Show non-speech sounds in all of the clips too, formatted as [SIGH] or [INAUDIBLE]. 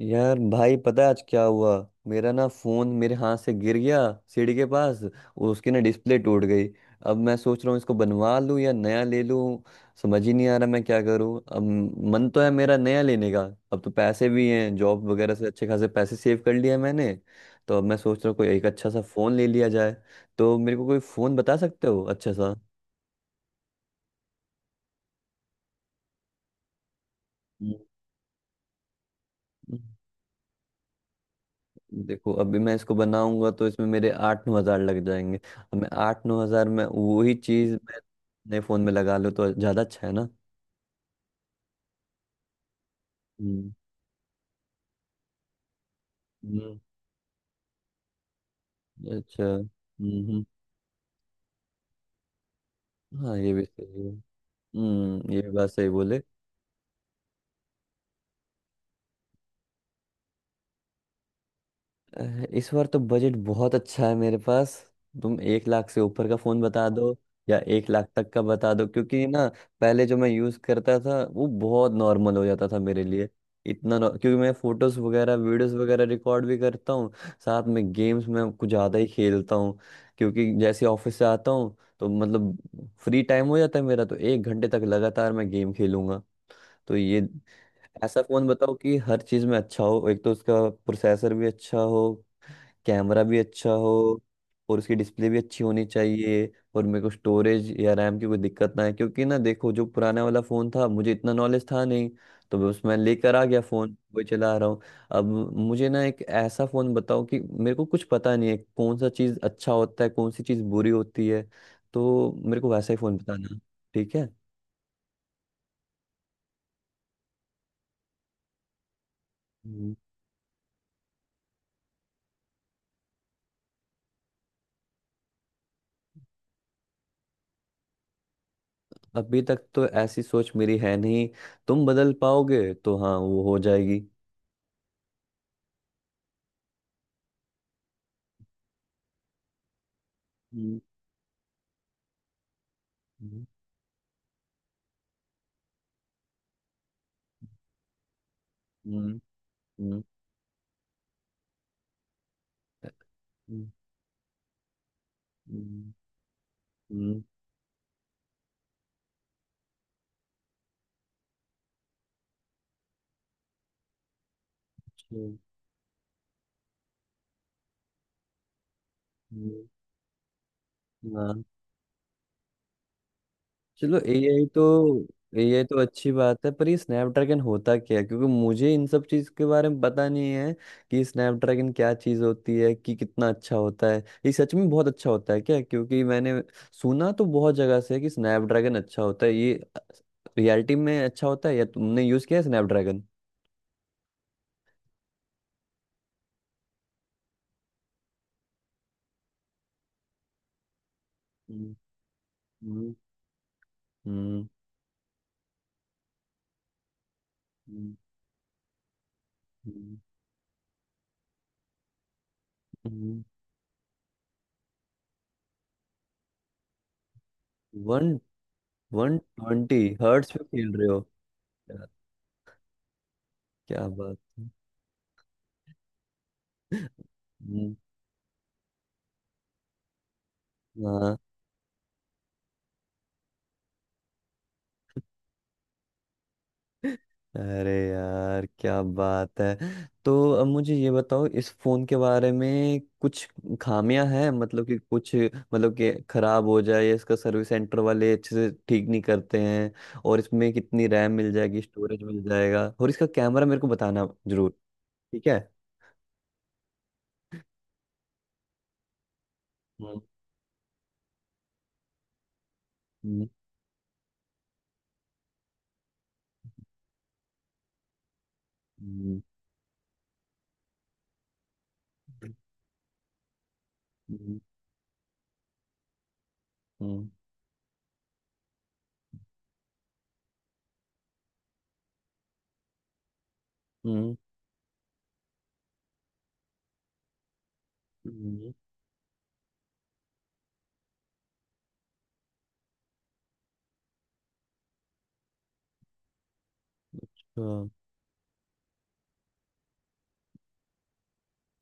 यार भाई, पता है आज क्या हुआ? मेरा ना फोन मेरे हाथ से गिर गया, सीढ़ी के पास। उसकी ना डिस्प्ले टूट गई। अब मैं सोच रहा हूँ इसको बनवा लूँ या नया ले लूँ। समझ ही नहीं आ रहा मैं क्या करूँ अब। मन तो है मेरा नया लेने का। अब तो पैसे भी हैं, जॉब वगैरह से अच्छे खासे पैसे सेव कर लिए हैं मैंने। तो अब मैं सोच रहा हूँ कोई एक अच्छा सा फोन ले लिया जाए। तो मेरे को कोई फोन बता सकते हो अच्छा सा? हम्म। देखो अभी मैं इसको बनाऊंगा तो इसमें मेरे 8-9 हजार लग जाएंगे, अब मैं 8-9 हजार में वही चीज मैं नए फोन में लगा लूँ तो ज्यादा अच्छा है ना? हम्म, हम्म, अच्छा, हम्म, हाँ ये भी सही है। हम्म, ये भी बात सही बोले। अ, इस बार तो बजट बहुत अच्छा है मेरे पास। तुम 1 लाख से ऊपर का फोन बता दो, या 1 लाख तक का बता दो, क्योंकि ना पहले जो मैं यूज करता था वो बहुत नॉर्मल हो जाता था मेरे लिए। इतना क्योंकि मैं फोटोज वगैरह वीडियोस वगैरह रिकॉर्ड भी करता हूँ, साथ में गेम्स में कुछ ज्यादा ही खेलता हूँ। क्योंकि जैसे ऑफिस से आता हूँ तो मतलब फ्री टाइम हो जाता है मेरा, तो 1 घंटे तक लगातार मैं गेम खेलूंगा। तो ये ऐसा फोन बताओ कि हर चीज में अच्छा हो, एक तो उसका प्रोसेसर भी अच्छा हो, कैमरा भी अच्छा हो, और उसकी डिस्प्ले भी अच्छी होनी चाहिए। और मेरे को स्टोरेज या रैम की कोई दिक्कत ना है, क्योंकि ना देखो जो पुराना वाला फ़ोन था मुझे इतना नॉलेज था नहीं, तो बस मैं लेकर आ गया फ़ोन, वही चला रहा हूँ। अब मुझे ना एक ऐसा फ़ोन बताओ, कि मेरे को कुछ पता नहीं है कौन सा चीज़ अच्छा होता है कौन सी चीज़ बुरी होती है, तो मेरे को वैसा ही फ़ोन बताना। ठीक है? हम्म, अभी तक तो ऐसी सोच मेरी है नहीं। तुम बदल पाओगे तो हाँ वो हो जाएगी। हम्म, हम्म, हम्म, हम्म। हम्म, हम्म, हम्म, हम्म, हम्म, हाँ। चलो एआई तो, एआई तो अच्छी बात है, पर ये स्नैपड्रैगन होता क्या है? क्योंकि मुझे इन सब चीज के बारे में पता नहीं है कि स्नैपड्रैगन क्या चीज होती है, कि कितना अच्छा होता है। ये सच में बहुत अच्छा होता है क्या? क्योंकि मैंने सुना तो बहुत जगह से है कि स्नैपड्रैगन अच्छा होता है। ये रियलिटी में अच्छा होता है, या तुमने यूज किया है स्नैपड्रैगन? हम्म, हम्म, हम्म, हम्म, हम्म, हम्म, वन वन ट्वेंटी हर्ट्स पे खेल रहे हो? क्या बात है। हम्म, हाँ। अरे यार क्या बात है, तो अब मुझे ये बताओ इस फोन के बारे में कुछ खामियां हैं, मतलब कि कुछ, मतलब कि खराब हो जाए, या इसका सर्विस सेंटर वाले अच्छे से ठीक नहीं करते हैं, और इसमें कितनी रैम मिल जाएगी, स्टोरेज मिल जाएगा, और इसका कैमरा मेरे को बताना जरूर। ठीक है। हम्म, हम्म, हम्म, हम्म, हम्म, हम्म, हम्म, अच्छा,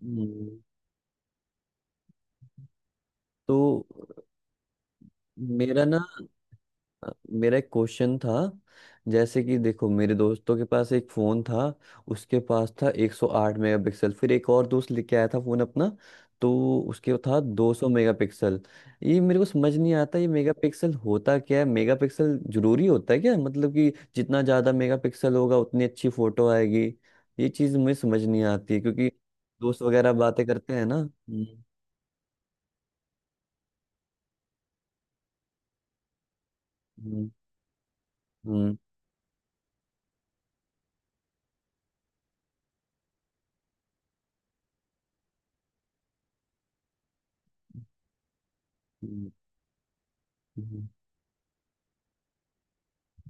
हम्म, तो मेरा ना मेरा एक क्वेश्चन था। जैसे कि देखो मेरे दोस्तों के पास एक फ़ोन था, उसके पास था 108 मेगापिक्सल। फिर एक और दोस्त लेके आया था फ़ोन अपना, तो उसके था 200 मेगापिक्सल। ये मेरे को समझ नहीं आता, ये मेगापिक्सल होता क्या है? मेगापिक्सल ज़रूरी होता है क्या, मतलब कि जितना ज़्यादा मेगापिक्सल होगा उतनी अच्छी फ़ोटो आएगी? ये चीज़ मुझे समझ नहीं आती है, क्योंकि दोस्त वगैरह बातें करते हैं ना। हम्म, हम्म, हम्म, हम्म, हम्म,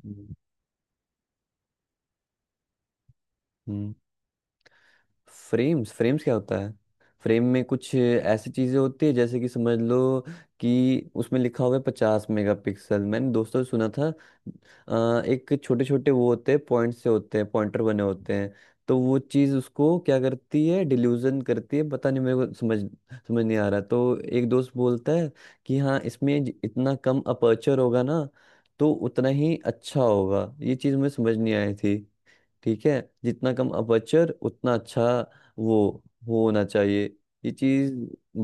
हम्म, हम्म, फ्रेम्स फ्रेम्स क्या होता है? फ्रेम में कुछ ऐसी चीजें होती है, जैसे कि समझ लो कि उसमें लिखा हुआ है 50 मेगापिक्सल, मैंने दोस्तों से सुना था। एक छोटे छोटे वो होते हैं, पॉइंट से होते हैं, पॉइंटर बने होते हैं, तो वो चीज उसको क्या करती है, डिल्यूजन करती है, पता नहीं मेरे को समझ समझ नहीं आ रहा। तो एक दोस्त बोलता है कि हाँ इसमें इतना कम अपर्चर होगा ना, तो उतना ही अच्छा होगा। ये चीज मुझे समझ नहीं आई थी। ठीक है, जितना कम अपर्चर उतना अच्छा, वो वो होना चाहिए। ये चीज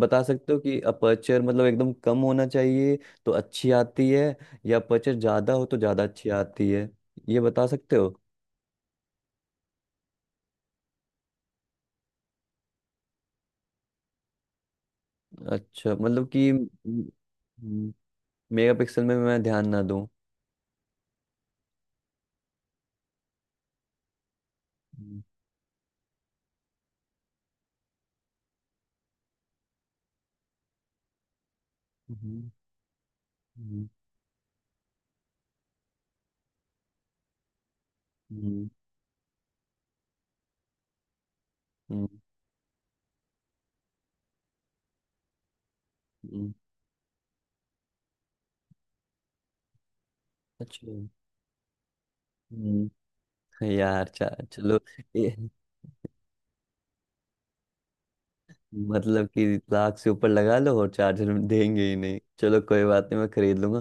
बता सकते हो कि अपर्चर मतलब एकदम कम होना चाहिए तो अच्छी आती है, या अपर्चर ज्यादा हो तो ज्यादा अच्छी आती है? ये बता सकते हो? अच्छा, मतलब कि मेगापिक्सल में मैं ध्यान ना दूं। हम्म, हम्म, हम्म, हम्म, हम्म, हम्म, अच्छा, हम्म, यार चलो, मतलब कि लाख से ऊपर लगा लो और चार्जर देंगे ही नहीं? चलो कोई बात नहीं, मैं खरीद लूंगा।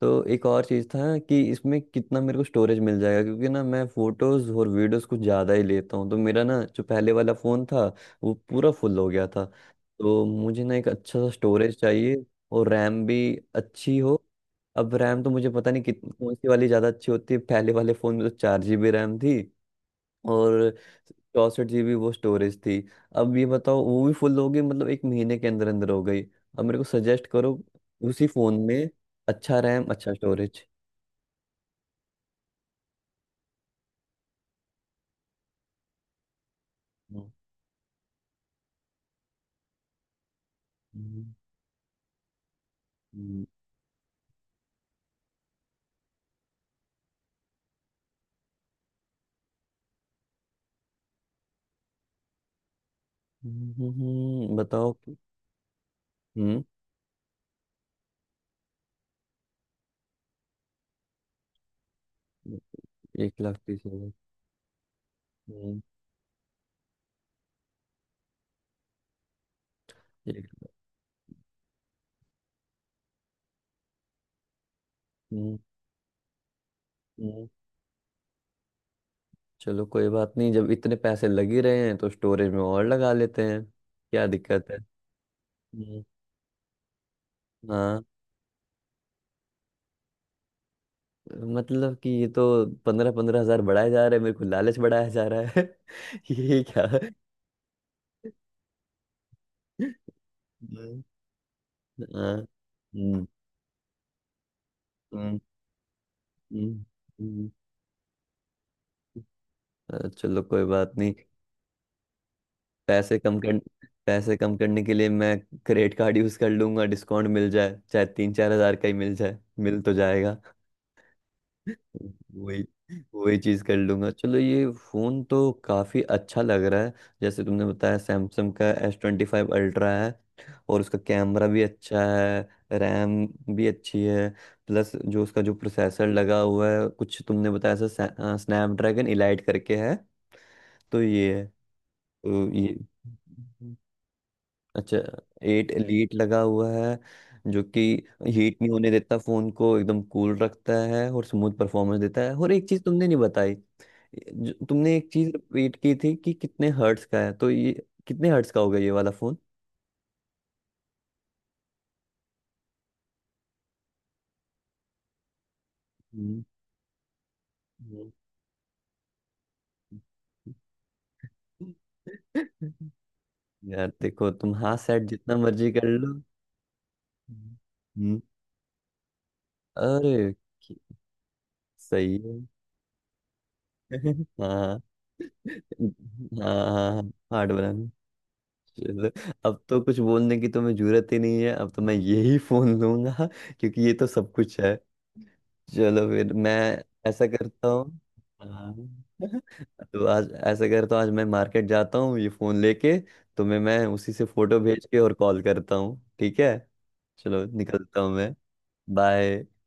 तो एक और चीज़ था कि इसमें कितना मेरे को स्टोरेज मिल जाएगा, क्योंकि ना मैं फोटोज और वीडियोस कुछ ज़्यादा ही लेता हूँ, तो मेरा ना जो पहले वाला फ़ोन था वो पूरा फुल हो गया था, तो मुझे ना एक अच्छा सा स्टोरेज चाहिए, और रैम भी अच्छी हो। अब रैम तो मुझे पता नहीं कितनी कौन सी वाली ज़्यादा अच्छी होती है, पहले वाले फ़ोन में तो 4 GB रैम थी और 64 GB वो स्टोरेज थी। अब ये बताओ वो भी फुल हो गई, मतलब 1 महीने के अंदर अंदर हो गई। अब मेरे को सजेस्ट करो उसी फोन में अच्छा रैम अच्छा स्टोरेज। हम्म, हम्म, [LAUGHS] बताओ हम्म। 1,30,000? हम्म, एक, हम्म, हम्म, चलो कोई बात नहीं, जब इतने पैसे लग ही रहे हैं तो स्टोरेज में और लगा लेते हैं, क्या दिक्कत है। हम्म, हाँ, मतलब कि ये तो 15-15 हजार बढ़ाए जा रहे हैं, मेरे को लालच बढ़ाया जा रहा है। [LAUGHS] ये क्या। हम्म, हाँ, हम्म, हम्म, हम्म, हम्म। चलो कोई बात नहीं। पैसे कम कर, पैसे कम करने के लिए मैं क्रेडिट कार्ड यूज कर लूंगा, डिस्काउंट मिल जाए, चाहे 3-4 हजार का ही मिल जाए, मिल तो जाएगा। वही वही चीज कर लूंगा। चलो ये फोन तो काफी अच्छा लग रहा है, जैसे तुमने बताया सैमसंग का S25 अल्ट्रा है, और उसका कैमरा भी अच्छा है, रैम भी अच्छी है, प्लस जो उसका जो प्रोसेसर लगा हुआ है कुछ तुमने बताया था, स्नैपड्रैगन इलाइट करके है। तो ये है, तो ये अच्छा, एट एलीट लगा हुआ है, जो कि हीट नहीं होने देता फोन को, एकदम कूल रखता है और स्मूथ परफॉर्मेंस देता है। और एक चीज तुमने नहीं बताई, तुमने एक चीज रिपीट की थी कि कितने हर्ट्स का है, तो ये कितने हर्ट्स का होगा ये वाला फोन? हम्म। हम्म। यार देखो तुम हाँ सेट जितना मर्जी कर लो। हम्म, अरे कि- सही है। [LAUGHS] हाँ, हाँ, हाँ, हार्ड बनाना। चलो, अब तो कुछ बोलने की तुम्हें जरूरत ही नहीं है, अब तो मैं यही फोन लूंगा, क्योंकि ये तो सब कुछ है। चलो फिर मैं ऐसा करता हूँ, हाँ। [LAUGHS] तो आज ऐसा करता हूँ, आज मैं मार्केट जाता हूँ ये फोन लेके। तुम्हें मैं उसी से फोटो भेज के और कॉल करता हूँ, ठीक है। चलो निकलता हूँ मैं। बाय।